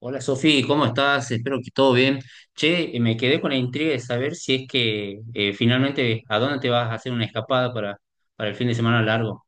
Hola Sofi, ¿cómo estás? Espero que todo bien. Che, me quedé con la intriga de saber si es que finalmente a dónde te vas a hacer una escapada para el fin de semana largo.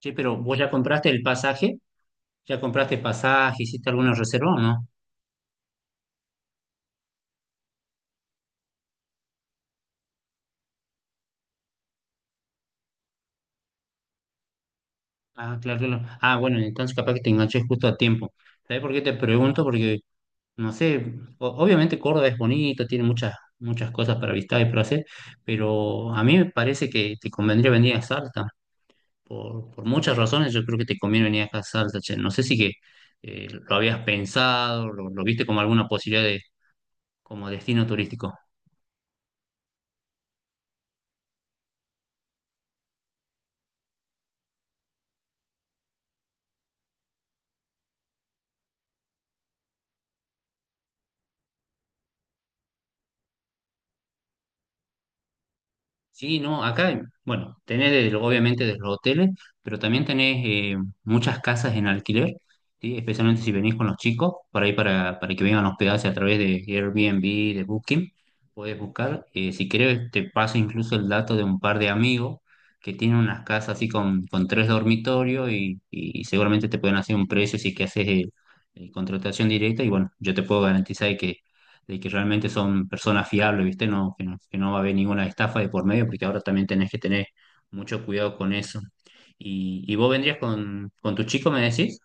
Che, pero ¿vos ya compraste el pasaje? ¿Ya compraste pasaje? ¿Hiciste alguna reserva o no? Ah, claro, claro. Ah, bueno, entonces capaz que te enganché justo a tiempo. ¿Sabés por qué te pregunto? Porque, no sé, obviamente Córdoba es bonito, tiene muchas, muchas cosas para visitar y para hacer, pero a mí me parece que te convendría venir a Salta. Por muchas razones yo creo que te conviene venir a Salta, che. No sé si que lo habías pensado, lo viste como alguna posibilidad de como destino turístico. Sí, no, acá, bueno, obviamente desde los hoteles, pero también tenés muchas casas en alquiler, ¿sí? Especialmente si venís con los chicos, para ahí para que vengan a hospedarse a través de Airbnb, de Booking, podés buscar. Si querés, te paso incluso el dato de un par de amigos que tienen unas casas así con tres dormitorios y seguramente te pueden hacer un precio si que haces contratación directa y bueno, yo te puedo garantizar de que realmente son personas fiables, ¿viste? No, que no, que no va a haber ninguna estafa de por medio, porque ahora también tenés que tener mucho cuidado con eso. ¿Y vos vendrías con tu chico, me decís?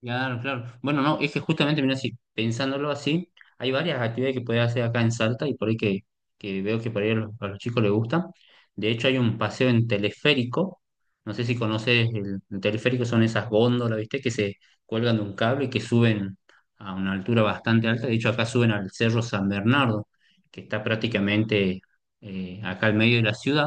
Claro, claro. Bueno, no, es que justamente, mira, si pensándolo así, hay varias actividades que podés hacer acá en Salta y por ahí que veo que por ahí a a los chicos les gusta. De hecho, hay un paseo en teleférico. No sé si conoces el teleférico, son esas góndolas, ¿viste? Que se cuelgan de un cable y que suben a una altura bastante alta. De hecho, acá suben al Cerro San Bernardo, que está prácticamente acá al medio de la ciudad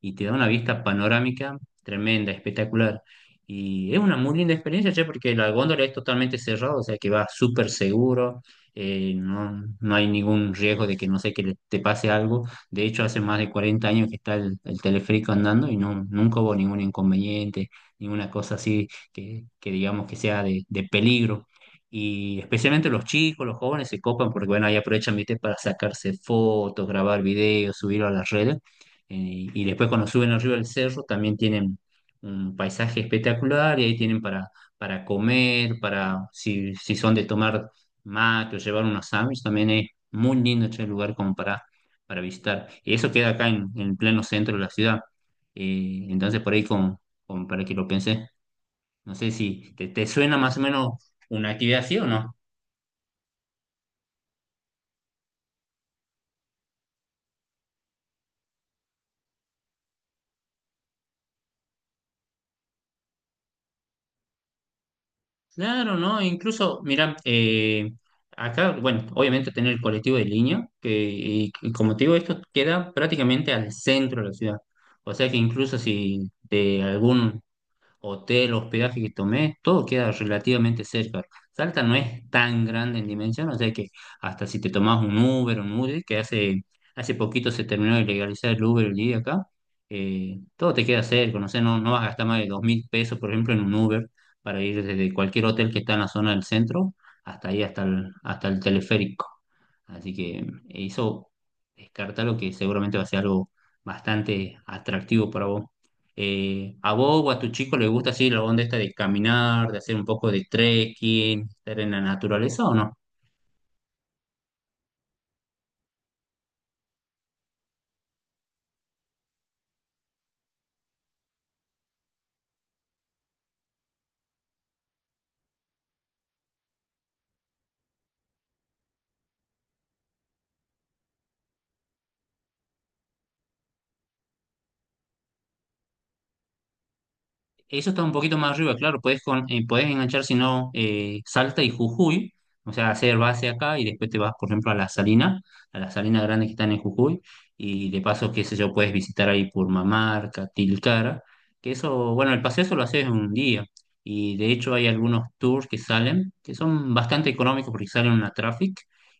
y te da una vista panorámica tremenda, espectacular. Y es una muy linda experiencia, che, porque la góndola es totalmente cerrada, o sea que va súper seguro, no, no hay ningún riesgo de que no sé que te pase algo. De hecho, hace más de 40 años que está el teleférico andando y no, nunca hubo ningún inconveniente, ninguna cosa así que digamos que sea de peligro. Y especialmente los chicos, los jóvenes se copan porque, bueno, ahí aprovechan, viste, para sacarse fotos, grabar videos, subirlo a las redes. Y después cuando suben arriba del cerro también tienen un paisaje espectacular y ahí tienen para comer, para si, si son de tomar mate o llevar unos sándwiches, también es muy lindo ese lugar como para visitar. Y eso queda acá en pleno centro de la ciudad. Entonces por ahí para que lo pensé, no sé si te suena más o menos una actividad así o no. Claro, ¿no? Incluso, mira, acá, bueno, obviamente tener el colectivo de línea, y como te digo, esto queda prácticamente al centro de la ciudad. O sea que incluso si de algún hotel, hospedaje que tomé, todo queda relativamente cerca. Salta no es tan grande en dimensión, o sea que hasta si te tomás un Uber, hace poquito se terminó de legalizar el Uber el día acá, todo te queda cerca, no sé, no, no vas a gastar más de 2.000 pesos, por ejemplo, en un Uber para ir desde cualquier hotel que está en la zona del centro hasta ahí, hasta el teleférico. Así que eso descarta que seguramente va a ser algo bastante atractivo para vos. ¿A vos o a tu chico le gusta así la onda esta de caminar, de hacer un poco de trekking, estar en la naturaleza o no? Eso está un poquito más arriba, claro, podés enganchar si no Salta y Jujuy, o sea, hacer base acá y después te vas, por ejemplo, a la Salina Grande que están en Jujuy, y de paso, qué sé yo, puedes visitar ahí Purmamarca, Tilcara, que eso, bueno, el paseo eso lo haces en un día, y de hecho hay algunos tours que salen, que son bastante económicos porque salen en una traffic,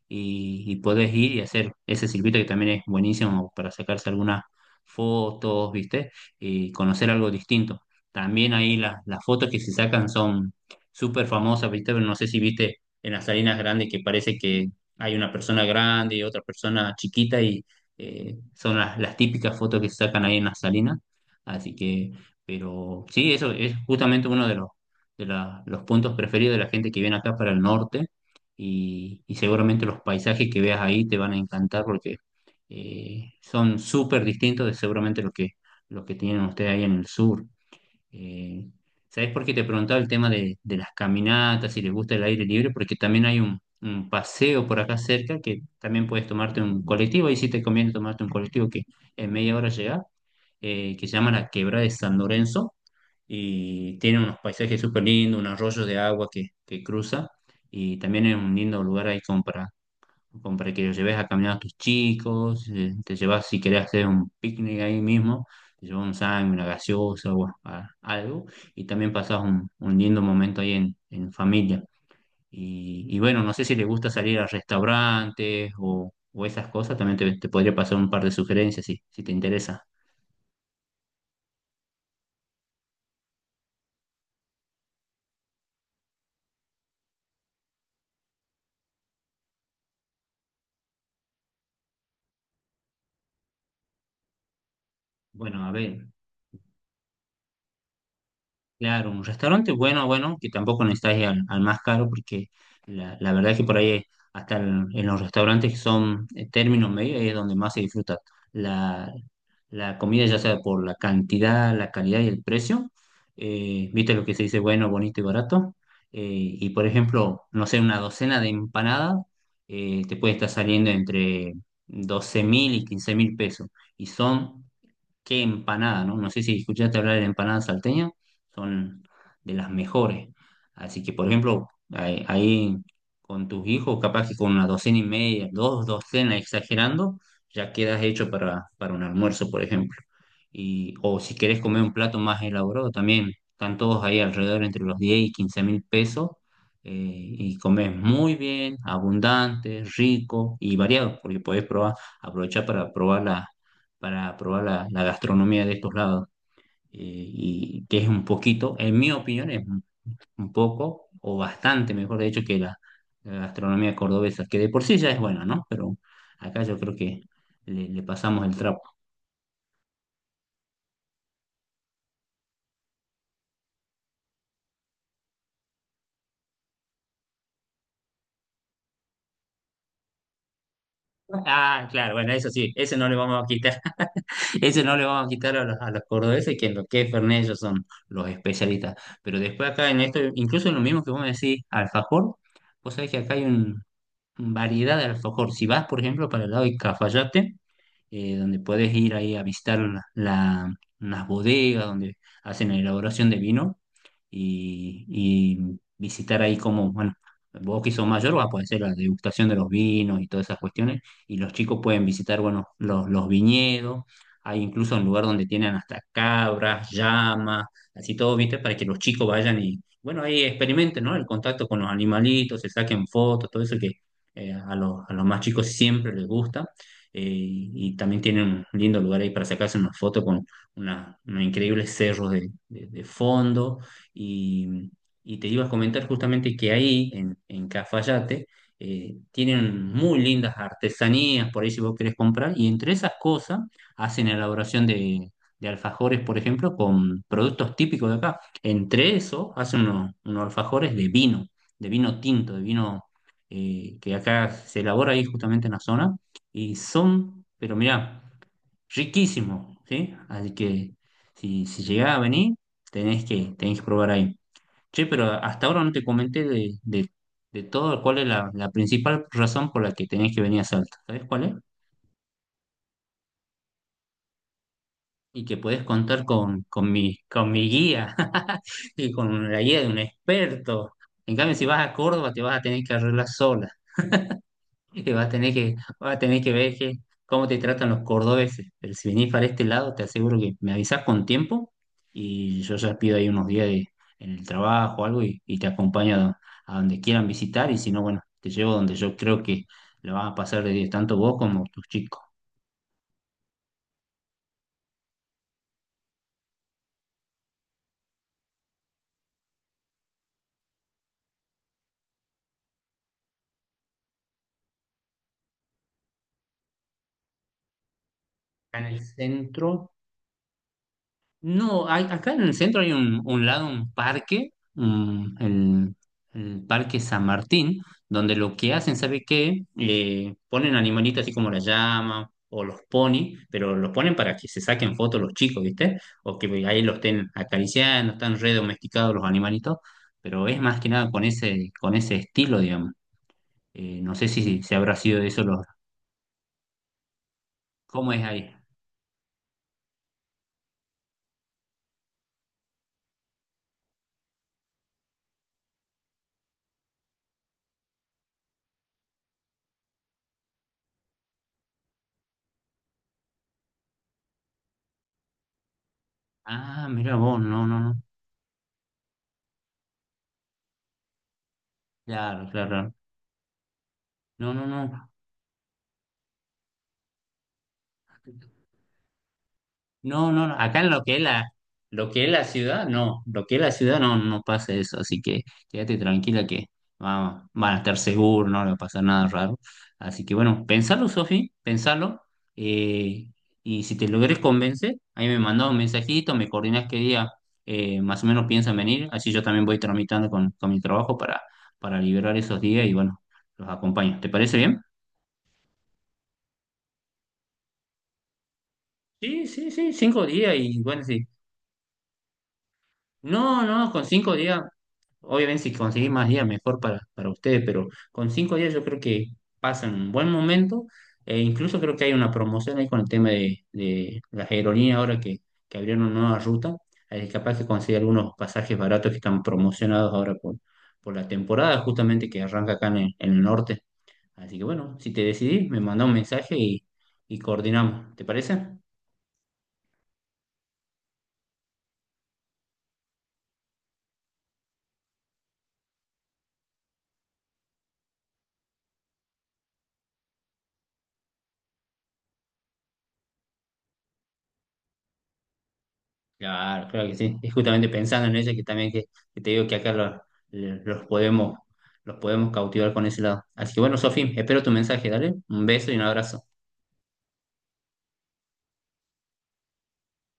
y podés ir y hacer ese circuito que también es buenísimo para sacarse algunas fotos, ¿viste? Y conocer algo distinto. También ahí las fotos que se sacan son súper famosas, ¿viste? Pero no sé si viste en las Salinas Grandes que parece que hay una persona grande y otra persona chiquita y son las típicas fotos que se sacan ahí en las Salinas. Así que, pero sí, eso es justamente uno de los puntos preferidos de la gente que viene acá para el norte y seguramente los paisajes que veas ahí te van a encantar porque son súper distintos de seguramente lo que tienen ustedes ahí en el sur. Eh, ¿Sabés por qué te preguntaba el tema de las caminatas, si les gusta el aire libre? Porque también hay un paseo por acá cerca que también puedes tomarte un colectivo, ahí sí te conviene tomarte un colectivo que en media hora llega, que se llama la Quebrada de San Lorenzo y tiene unos paisajes súper lindos, un arroyo de agua que cruza y también es un lindo lugar ahí como para como para que los lleves a caminar a tus chicos, te llevas si querés hacer un picnic ahí mismo, te llevas un sándwich, una gaseosa o algo, y también pasás un lindo momento ahí en familia. Y bueno, no sé si te gusta salir a restaurantes o esas cosas, también te podría pasar un par de sugerencias si, si te interesa. Bueno, a ver. Claro, un restaurante bueno, bueno, que tampoco necesitas ir al más caro, porque la verdad es que por ahí, hasta en los restaurantes que son términos medios, es donde más se disfruta la, la comida, ya sea por la cantidad, la calidad y el precio. ¿Viste lo que se dice bueno, bonito y barato? Eh, y por ejemplo, no sé, una docena de empanadas te puede estar saliendo entre 12.000 y 15.000 pesos, y son qué empanada, ¿no? No sé si escuchaste hablar de empanadas salteñas, son de las mejores. Así que, por ejemplo, ahí, ahí con tus hijos, capaz que con una docena y media, dos docenas exagerando, ya quedas hecho para un almuerzo, por ejemplo y, o si querés comer un plato más elaborado también, están todos ahí alrededor entre los 10.000 y 15.000 pesos y comes muy bien, abundante, rico y variado, porque podés probar, aprovechar para probar la gastronomía de estos lados y que es un poquito, en mi opinión, es un poco o bastante mejor, de hecho, que la gastronomía cordobesa, que de por sí ya es buena, ¿no? Pero acá yo creo que le le pasamos el trapo. Ah, claro, bueno, eso sí, ese no le vamos a quitar, ese no le vamos a quitar a a los cordobeses, que en lo que es Fernet ellos son los especialistas. Pero después acá en esto, incluso en lo mismo que vos me decís, alfajor, vos sabés que acá hay un variedad de alfajor. Si vas, por ejemplo, para el lado de Cafayate, donde puedes ir ahí a visitar las bodegas, donde hacen la elaboración de vino, y visitar ahí como, bueno, vos que sos mayor vas a poder hacer la degustación de los vinos y todas esas cuestiones, y los chicos pueden visitar, bueno, los viñedos, hay incluso un lugar donde tienen hasta cabras, llamas, así todo, ¿viste? Para que los chicos vayan y, bueno, ahí experimenten, ¿no? El contacto con los animalitos, se saquen fotos, todo eso que a a los más chicos siempre les gusta. Y también tienen un lindo lugar ahí para sacarse una foto con una, unos increíbles cerros de fondo. Y, y te iba a comentar justamente que ahí, en Cafayate, tienen muy lindas artesanías, por ahí si vos querés comprar, y entre esas cosas hacen elaboración de alfajores, por ejemplo, con productos típicos de acá. Entre eso hacen unos, unos alfajores de vino tinto, de vino que acá se elabora ahí justamente en la zona, y son, pero mirá, riquísimos, ¿sí? Así que si, si llegás a venir, tenés que probar ahí. Che, pero hasta ahora no te comenté de todo cuál es la principal razón por la que tenés que venir a Salta. ¿Sabés cuál es? Y que podés contar con mi guía y con la guía de un experto. En cambio, si vas a Córdoba, te vas a tener que arreglar sola. Y vas a tener que, vas a tener que ver cómo te tratan los cordobeses. Pero si venís para este lado, te aseguro que me avisás con tiempo y yo ya pido ahí unos días en el trabajo o algo y te acompaño a donde quieran visitar. Y si no, bueno, te llevo donde yo creo que lo vas a pasar de 10, tanto vos como tus chicos. Acá en el centro. No, acá en el centro hay un lado, un parque, un- el, el Parque San Martín, donde lo que hacen, ¿sabe qué? Ponen animalitos así como la llama o los ponis, pero los ponen para que se saquen fotos los chicos, ¿viste? O que ahí los estén acariciando, están re domesticados los animalitos, pero es más que nada con ese, con ese estilo, digamos. No sé si, si habrá sido de eso los... ¿Cómo es ahí? Ah, mira vos, no, no, no. Claro, claro. Claro. No, no, no. No, no, no, acá en lo que es la, lo que es la ciudad, no, lo que es la ciudad no, no pasa eso, así que quédate tranquila que vamos, van a estar seguros, no le va a pasar nada raro. Así que bueno, pensalo, Sofi, pensalo, eh, y si te logres convencer, ahí me mandas un mensajito, me coordinas qué día más o menos piensan venir, así yo también voy tramitando con mi trabajo para liberar esos días y bueno, los acompaño. ¿Te parece bien? Sí, sí, 5 días y bueno, sí. No, no, con 5 días, obviamente si conseguís más días, mejor para ustedes, pero con 5 días yo creo que pasan un buen momento, e incluso creo que hay una promoción ahí con el tema de las aerolíneas ahora que abrieron una nueva ruta, ahí capaz que consigue algunos pasajes baratos que están promocionados ahora por la temporada justamente que arranca acá en el norte. Así que bueno, si te decidís, me manda un mensaje y coordinamos, ¿te parece? Claro, claro que sí. Es justamente pensando en eso que también que te digo que acá los podemos, los podemos cautivar con ese lado. Así que bueno, Sofía, espero tu mensaje, dale. Un beso y un abrazo.